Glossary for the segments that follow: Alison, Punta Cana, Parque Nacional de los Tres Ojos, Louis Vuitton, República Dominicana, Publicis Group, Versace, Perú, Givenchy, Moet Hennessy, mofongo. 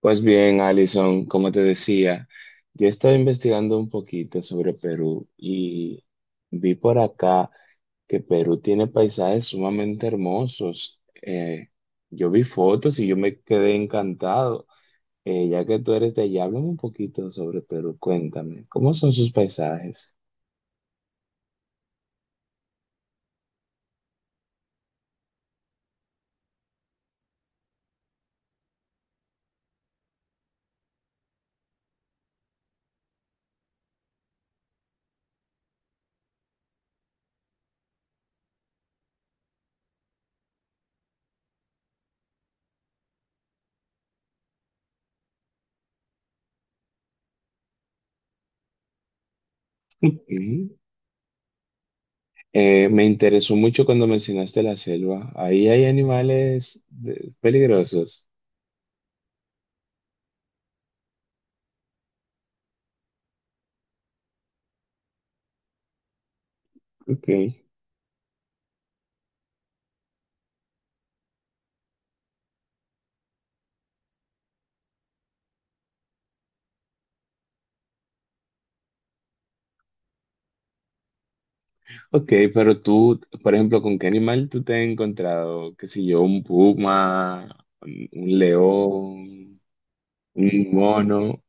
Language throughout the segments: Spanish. Pues bien, Alison, como te decía, yo estaba investigando un poquito sobre Perú y vi por acá que Perú tiene paisajes sumamente hermosos. Yo vi fotos y yo me quedé encantado. Ya que tú eres de allá, háblame un poquito sobre Perú, cuéntame, ¿cómo son sus paisajes? Ujú. Me interesó mucho cuando mencionaste la selva. Ahí hay animales de- peligrosos. Ok. Ok, pero tú, por ejemplo, ¿con qué animal tú te has encontrado? ¿Qué sé yo? ¿Un puma? ¿Un león? ¿Un mono?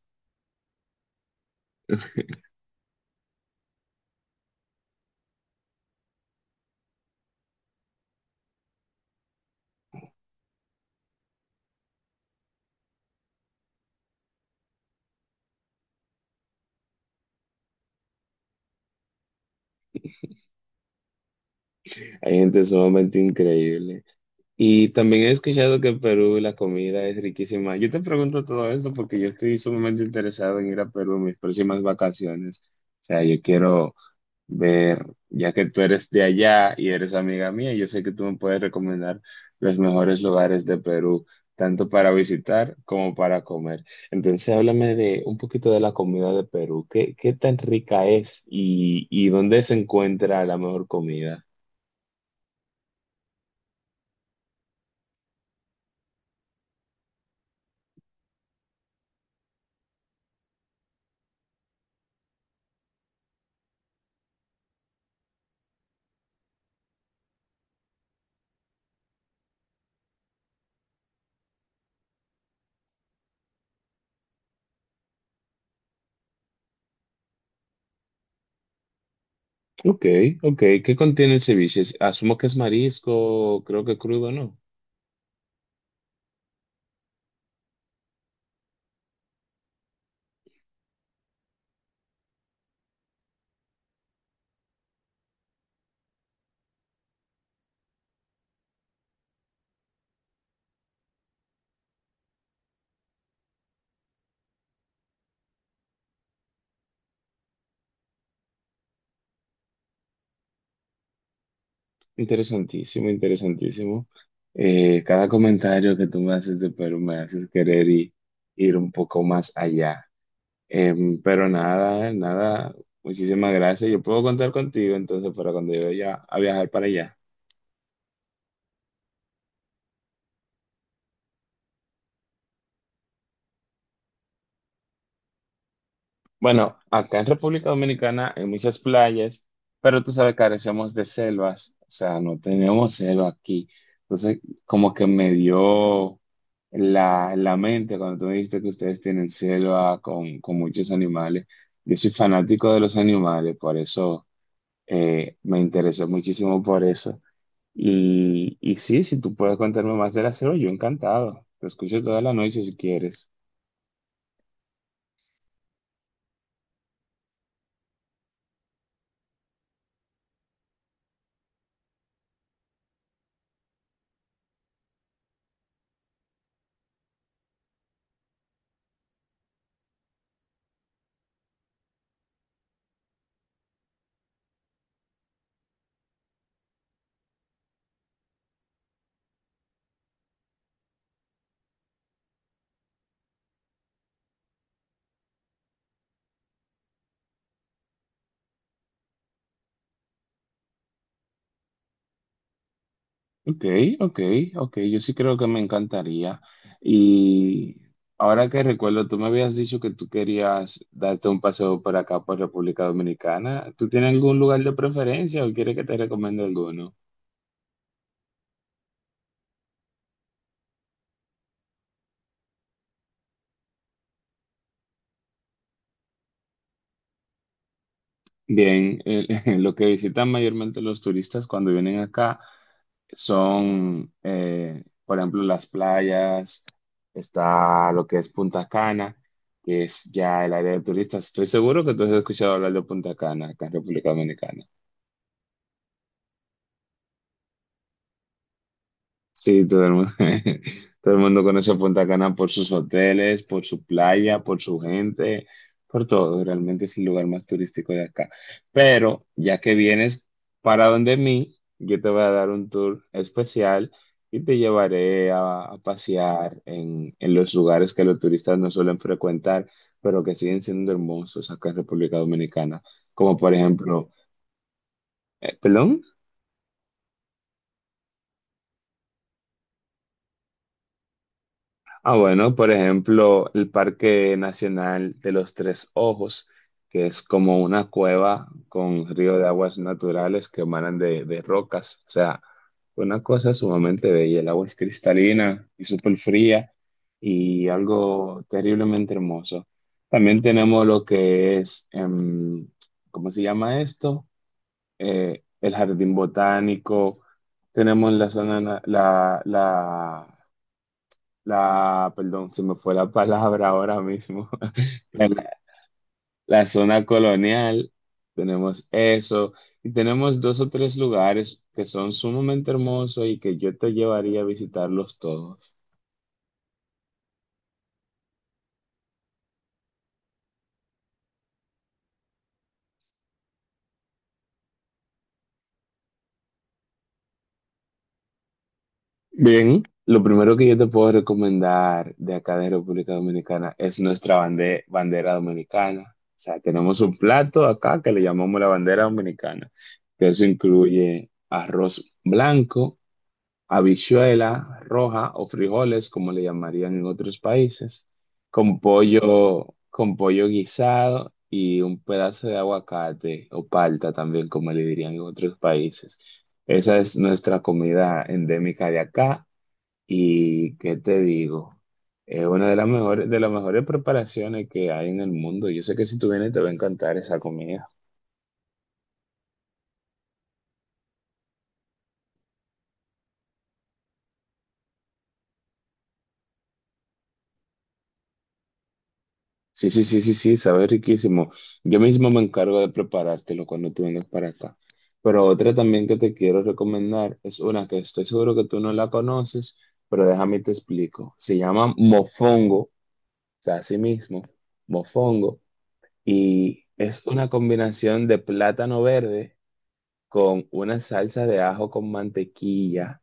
Hay gente sumamente increíble. Y también he escuchado que en Perú la comida es riquísima. Yo te pregunto todo esto porque yo estoy sumamente interesado en ir a Perú en mis próximas vacaciones. O sea, yo quiero ver, ya que tú eres de allá y eres amiga mía, yo sé que tú me puedes recomendar los mejores lugares de Perú, tanto para visitar como para comer. Entonces, háblame de un poquito de la comida de Perú. ¿Qué tan rica es y dónde se encuentra la mejor comida? Ok, ok. ¿Qué contiene el ceviche? Asumo que es marisco, creo que crudo, ¿no? Interesantísimo, interesantísimo. Cada comentario que tú me haces de Perú me haces ir un poco más allá. Pero nada, muchísimas gracias. Yo puedo contar contigo entonces para cuando yo vaya a viajar para allá. Bueno, acá en República Dominicana hay muchas playas, pero tú sabes, carecemos de selvas, o sea, no tenemos selva aquí. Entonces, como que me dio la mente cuando tú me dijiste que ustedes tienen selva con muchos animales. Yo soy fanático de los animales, por eso me interesó muchísimo por eso. Y sí, si tú puedes contarme más de la selva, yo encantado. Te escucho toda la noche si quieres. Ok, ok, ok, yo sí creo que me encantaría. Y ahora que recuerdo, tú me habías dicho que tú querías darte un paseo por acá, por República Dominicana. ¿Tú tienes algún lugar de preferencia o quieres que te recomiende alguno? Bien, lo que visitan mayormente los turistas cuando vienen acá son, por ejemplo, las playas, está lo que es Punta Cana, que es ya el área de turistas. Estoy seguro que tú has escuchado hablar de Punta Cana acá en República Dominicana. Sí, todo el mundo, todo el mundo conoce a Punta Cana por sus hoteles, por su playa, por su gente, por todo. Realmente es el lugar más turístico de acá. Pero ya que vienes para donde mí, yo te voy a dar un tour especial y te llevaré a pasear en los lugares que los turistas no suelen frecuentar, pero que siguen siendo hermosos acá en República Dominicana. Como por ejemplo, ¿perdón? Ah, bueno, por ejemplo, el Parque Nacional de los Tres Ojos, que es como una cueva con río de aguas naturales que emanan de rocas. O sea, una cosa sumamente bella. El agua es cristalina y súper fría y algo terriblemente hermoso. También tenemos lo que es, ¿cómo se llama esto? El jardín botánico. Tenemos la, la perdón, se me fue la palabra ahora mismo, la, la la zona colonial, tenemos eso, y tenemos dos o tres lugares que son sumamente hermosos y que yo te llevaría a visitarlos todos. Bien, lo primero que yo te puedo recomendar de acá de República Dominicana es bandera dominicana. O sea, tenemos un plato acá que le llamamos la bandera dominicana, que eso incluye arroz blanco, habichuela roja o frijoles, como le llamarían en otros países, con pollo guisado y un pedazo de aguacate o palta también, como le dirían en otros países. Esa es nuestra comida endémica de acá y ¿qué te digo? Es una de las mejores preparaciones que hay en el mundo. Yo sé que si tú vienes te va a encantar esa comida. Sí, sí, sí, sí, sí, sabe riquísimo. Yo mismo me encargo de preparártelo cuando tú vengas para acá. Pero otra también que te quiero recomendar es una que estoy seguro que tú no la conoces, pero déjame y te explico. Se llama mofongo, o sea, así mismo, mofongo, y es una combinación de plátano verde con una salsa de ajo con mantequilla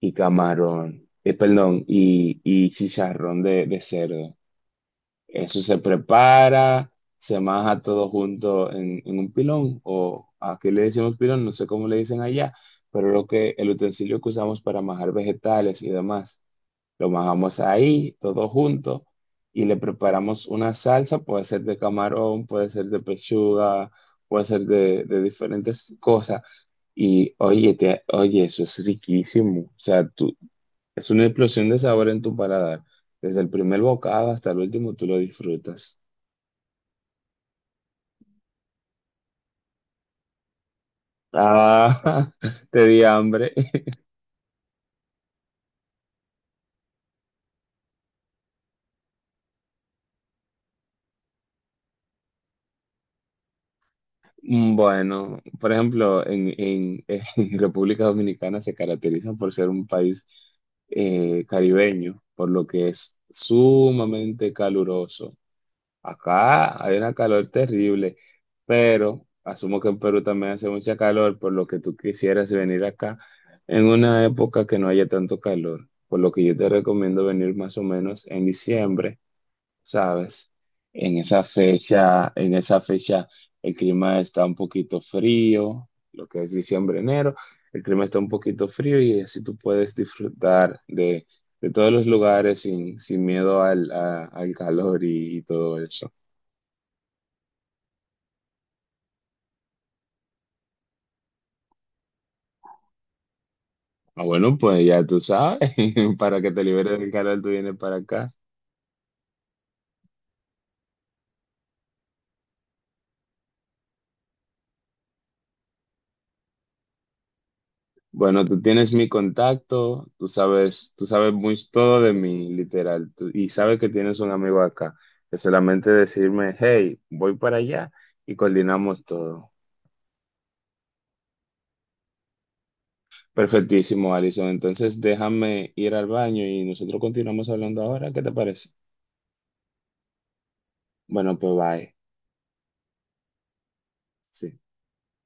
y camarón, perdón, y chicharrón de cerdo. Eso se prepara, se maja todo junto en un pilón, o aquí le decimos pilón, no sé cómo le dicen allá, pero lo que, el utensilio que usamos para majar vegetales y demás, lo majamos ahí, todo junto, y le preparamos una salsa, puede ser de camarón, puede ser de pechuga, puede ser de diferentes cosas, y oye, oye, eso es riquísimo, o sea, tú, es una explosión de sabor en tu paladar, desde el primer bocado hasta el último tú lo disfrutas. Ah, te di hambre. Bueno, por ejemplo, en República Dominicana se caracteriza por ser un país caribeño, por lo que es sumamente caluroso. Acá hay una calor terrible, pero asumo que en Perú también hace mucha calor, por lo que tú quisieras venir acá en una época que no haya tanto calor, por lo que yo te recomiendo venir más o menos en diciembre, ¿sabes? En esa fecha el clima está un poquito frío, lo que es diciembre, enero, el clima está un poquito frío y así tú puedes disfrutar de todos los lugares sin, sin miedo al calor y todo eso. Ah, bueno, pues ya tú sabes, para que te liberes del calor, tú vienes para acá. Bueno, tú tienes mi contacto, tú sabes muy todo de mí, literal, y sabes que tienes un amigo acá. Es solamente decirme, hey, voy para allá y coordinamos todo. Perfectísimo, Alison. Entonces déjame ir al baño y nosotros continuamos hablando ahora. ¿Qué te parece? Bueno, pues bye. Sí.